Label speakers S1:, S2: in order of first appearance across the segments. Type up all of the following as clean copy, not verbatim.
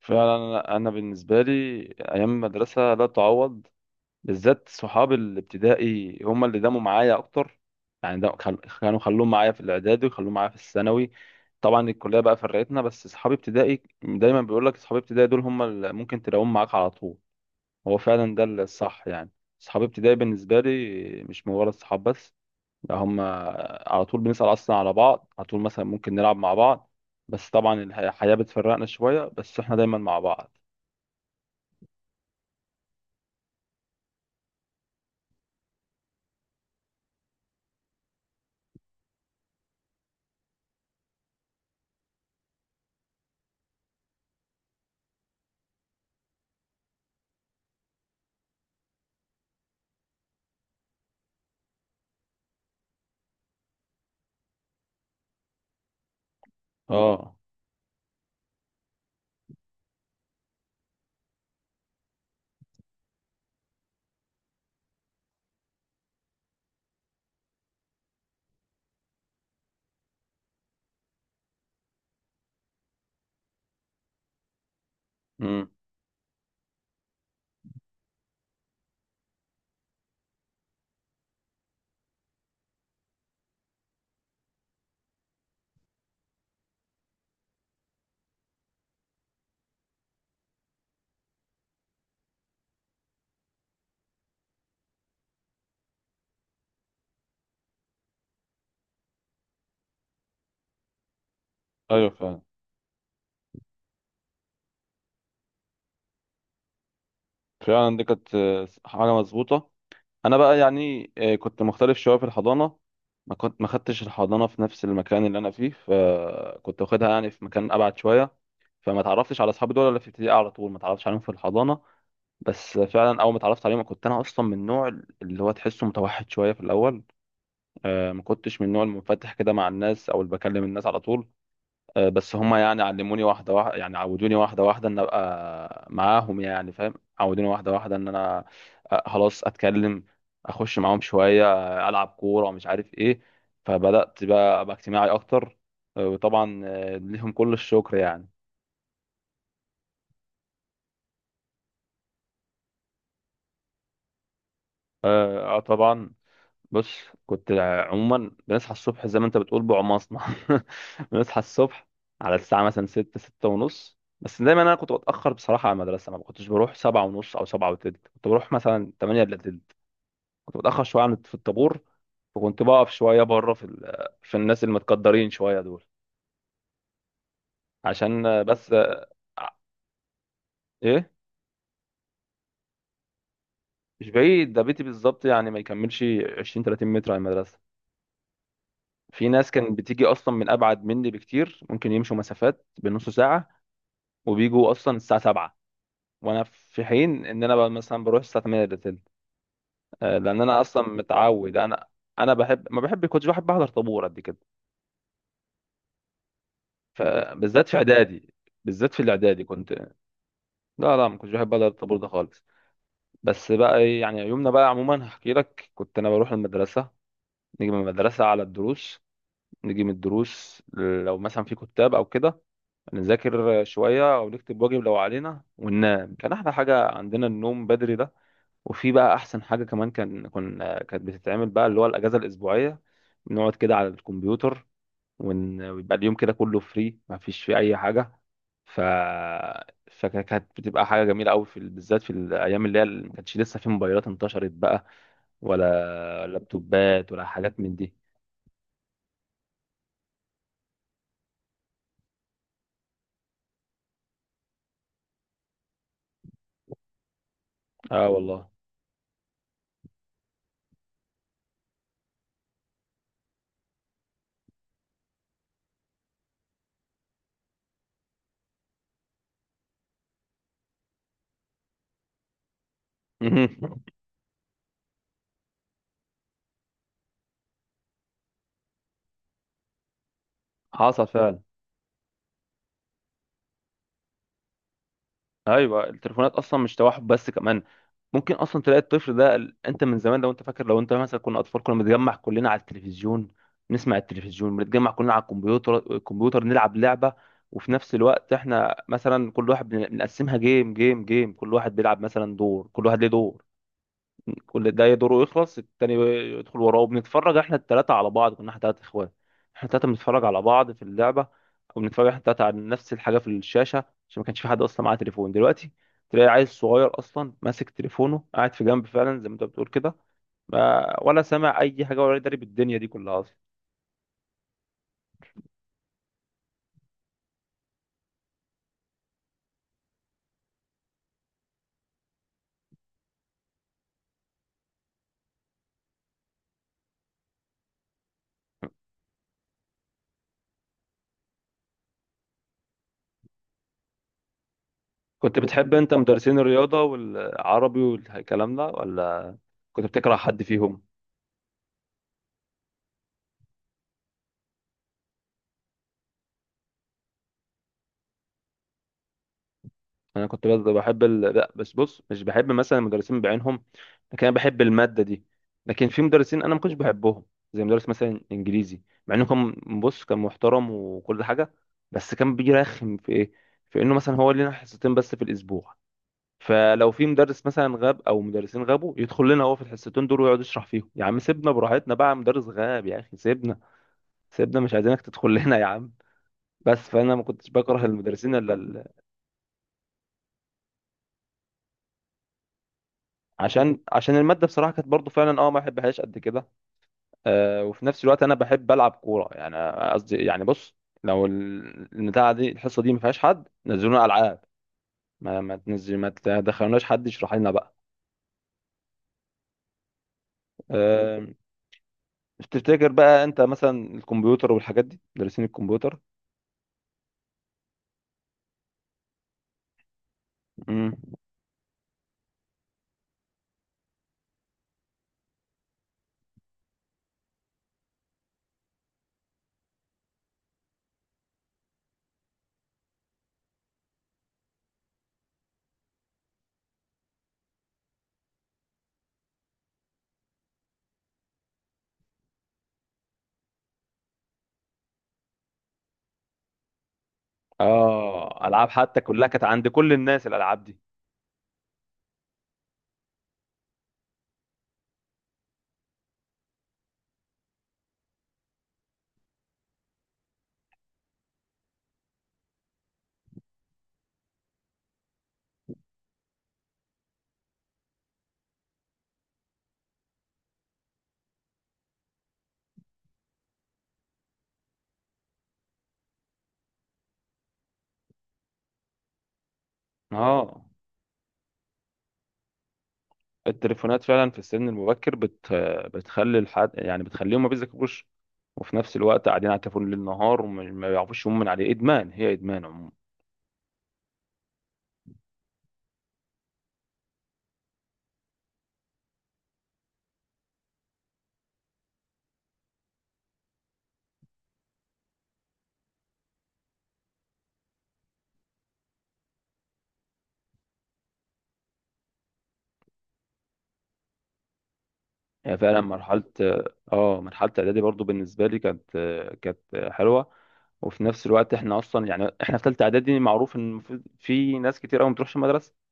S1: فعلا انا بالنسبه لي ايام المدرسه لا تعوض. بالذات صحاب الابتدائي هم اللي داموا معايا اكتر. يعني كانوا خلوهم معايا في الاعدادي وخلوهم معايا في الثانوي. طبعا الكليه بقى فرقتنا، بس صحابي ابتدائي دايما بيقول لك صحابي ابتدائي دول هم اللي ممكن تلاقوهم معاك على طول. هو فعلا ده الصح يعني. صحابي ابتدائي بالنسبه لي مش مجرد صحاب بس، لا هم على طول بنسال اصلا على بعض، على طول مثلا ممكن نلعب مع بعض. بس طبعا الحياه بتفرقنا شويه بس احنا دايما مع بعض. اه. امم. ايوه فعلا. فعلا دي كانت حاجه مظبوطه. انا بقى يعني، كنت مختلف شويه في الحضانه. ما كنت ما خدتش الحضانه في نفس المكان اللي انا فيه، فكنت واخدها يعني في مكان ابعد شويه. فما تعرفتش على اصحابي دول الا في ابتدائي، على طول ما تعرفتش عليهم في الحضانه. بس فعلا اول ما اتعرفت عليهم كنت انا اصلا من النوع اللي هو تحسه متوحد شويه في الاول. ما كنتش من النوع المنفتح كده مع الناس او اللي بكلم الناس على طول. بس هم يعني علموني واحدة واحدة، يعني عودوني واحدة واحدة ان ابقى معاهم، يعني فاهم، عودوني واحدة واحدة ان انا خلاص اتكلم، اخش معاهم شوية، العب كورة ومش عارف ايه. فبدأت بقى ابقى اجتماعي اكتر. وطبعا ليهم كل الشكر يعني. طبعا. بص، كنت عموما بنصحى الصبح زي ما انت بتقول بعماصنا. بنصحى الصبح على الساعة مثلا ستة ستة ونص، بس دايما انا كنت بتأخر بصراحة على المدرسة. ما كنتش بروح سبعة ونص او سبعة وتلت، كنت بروح مثلا تمانية الا تلت. كنت بتأخر شوية عن في الطابور، وكنت بقف شوية بره في في الناس المتقدرين شوية دول. عشان بس ايه. مش بعيد، ده بيتي بالظبط يعني ما يكملش 20 30 متر على المدرسة. في ناس كانت بتيجي اصلا من ابعد مني بكتير، ممكن يمشوا مسافات بنص ساعة وبيجوا اصلا الساعه 7، وانا في حين ان انا بقى مثلا بروح الساعه 8 الا تلت. لان انا اصلا متعود. انا بحب ما بحب كنتش بحب احضر طابور قد كده. فبالذات في اعدادي، بالذات في الاعدادي كنت، لا لا ما كنتش بحب احضر الطابور ده خالص. بس بقى يعني يومنا بقى عموما هحكي لك. كنت انا بروح المدرسه، نيجي من المدرسه على الدروس، نيجي من الدروس لو مثلا في كتاب او كده نذاكر شويه او نكتب واجب لو علينا، وننام. كان احلى حاجه عندنا النوم بدري ده. وفي بقى احسن حاجه كمان كان كانت بتتعمل بقى اللي هو الاجازه الاسبوعيه، بنقعد كده على الكمبيوتر ويبقى اليوم كده كله فري ما فيش فيه اي حاجه. ف فكانت بتبقى حاجه جميله قوي في بالذات في الايام اللي هي اللي ما كانتش لسه في موبايلات انتشرت بقى، ولا لابتوبات ولا حاجات من دي. اه والله. حصل فعلا. ايوه التليفونات اصلا مش توحد بس، كمان ممكن اصلا تلاقي الطفل ده انت من زمان لو انت فاكر، لو انت مثلا كنا اطفال كنا بنتجمع كلنا على التلفزيون، نسمع التلفزيون، بنتجمع كلنا على الكمبيوتر، نلعب لعبه. وفي نفس الوقت احنا مثلا كل واحد بنقسمها جيم جيم جيم، كل واحد بيلعب مثلا دور، كل واحد ليه دور، كل ده دوره يخلص التاني يدخل وراه وبنتفرج احنا التلاتة على بعض. كنا احنا تلات اخوات، احنا التلاتة بنتفرج على بعض في اللعبة، او بنتفرج احنا التلاتة على نفس الحاجة في الشاشة. عشان ما كانش في حد اصلا معاه تليفون. دلوقتي تلاقي عيل صغير اصلا ماسك تليفونه قاعد في جنب، فعلا زي ما انت بتقول كده، ما ولا سامع اي حاجة ولا داري بالدنيا دي كلها اصلا. كنت بتحب انت مدرسين الرياضة والعربي والكلام ده ولا كنت بتكره حد فيهم؟ انا كنت بس بحب لا بس بص مش بحب مثلا المدرسين بعينهم، لكن انا بحب الماده دي. لكن في مدرسين انا ما كنتش بحبهم، زي مدرس مثلا انجليزي. مع انه كان، بص، كان محترم وكل حاجه، بس كان بيجي رخم في ايه، في انه مثلا هو لنا حصتين بس في الاسبوع، فلو في مدرس مثلا غاب او مدرسين غابوا يدخل لنا هو في الحصتين دول ويقعد يشرح فيهم. يا عم سيبنا براحتنا بقى، مدرس غاب يا اخي، سيبنا، سيبنا مش عايزينك تدخل لنا يا عم. بس فانا ما كنتش بكره المدرسين. عشان عشان الماده بصراحه كانت برضو فعلا اه ما بحبهاش قد كده. آه وفي نفس الوقت انا بحب العب كوره، يعني قصدي يعني بص، لو البتاعه دي الحصه دي ما فيهاش حد نزلونا العاب. ما تنزل ما تدخلوناش حد يشرح لنا بقى. آه تفتكر بقى انت مثلا الكمبيوتر والحاجات دي مدرسين الكمبيوتر. امم. اه العاب حتى كلها كانت عند كل الناس الالعاب دي. اه التليفونات فعلا في السن المبكر بتخلي الحد يعني بتخليهم ما بيذاكروش، وفي نفس الوقت قاعدين على التليفون ليل نهار، وما ما بيعرفوش يقوموا من عليه. ادمان، هي ادمان عموما. هي فعلا مرحله. اه مرحله اعدادي برضو بالنسبه لي كانت، كانت حلوه. وفي نفس الوقت احنا اصلا يعني احنا في ثالثه اعدادي معروف ان في ناس كتير قوي ما بتروحش المدرسه.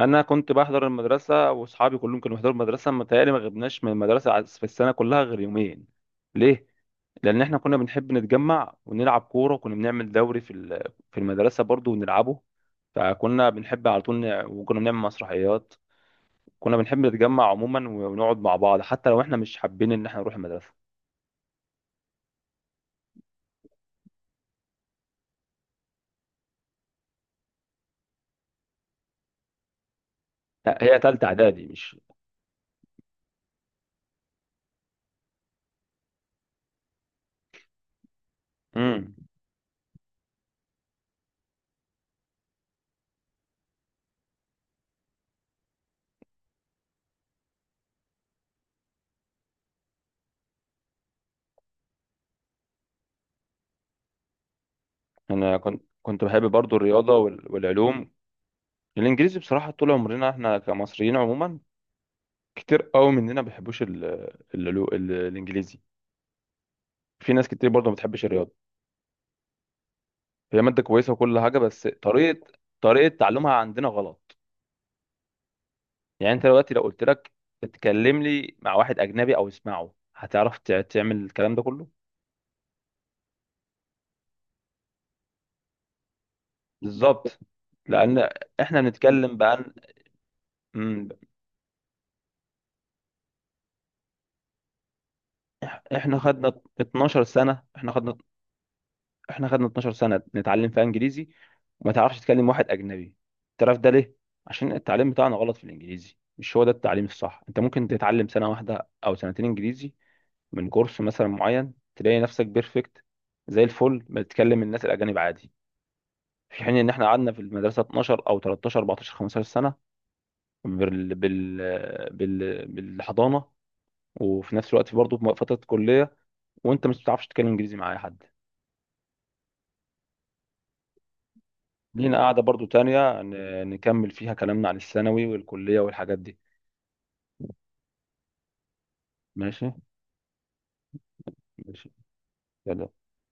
S1: انا كنت بحضر المدرسه، واصحابي كلهم كانوا بيحضروا المدرسه، متهيألي ما غبناش من المدرسه في السنه كلها غير يومين. ليه؟ لان احنا كنا بنحب نتجمع ونلعب كوره، وكنا بنعمل دوري في في المدرسه برضو ونلعبه، فكنا بنحب على طول وكنا بنعمل مسرحيات. كنا بنحب نتجمع عموما ونقعد مع بعض حتى لو احنا مش حابين ان احنا نروح المدرسه. لا هي تالتة اعدادي مش، امم. انا كنت، كنت بحب برضو الرياضه والعلوم. الانجليزي بصراحه طول عمرنا احنا كمصريين عموما كتير قوي مننا ما بيحبوش الانجليزي. في ناس كتير برضو ما بتحبش الرياضه. هي ماده كويسه وكل حاجه، بس طريقه، طريقه تعلمها عندنا غلط. يعني انت دلوقتي لو قلت لك اتكلم لي مع واحد اجنبي او اسمعه هتعرف تعمل الكلام ده كله. بالظبط. لان احنا بنتكلم بقى عن- مم، احنا خدنا 12 سنه، احنا خدنا 12 سنه نتعلم فيها انجليزي، وما تعرفش تتكلم واحد اجنبي. تعرف ده ليه؟ عشان التعليم بتاعنا غلط في الانجليزي. مش هو ده التعليم الصح. انت ممكن تتعلم سنه واحده او سنتين انجليزي من جرس مثلا معين تلاقي نفسك بيرفكت، زي الفل بتكلم الناس الاجانب عادي، في حين ان احنا قعدنا في المدرسه 12 او 13 14 15 سنه بال بال بالحضانه، وفي نفس الوقت برضه في فتره كليه، وانت مش بتعرفش تتكلم انجليزي مع اي حد. لينا قاعده برضه تانية نكمل فيها كلامنا عن الثانوي والكليه والحاجات دي. ماشي. ماشي يلا.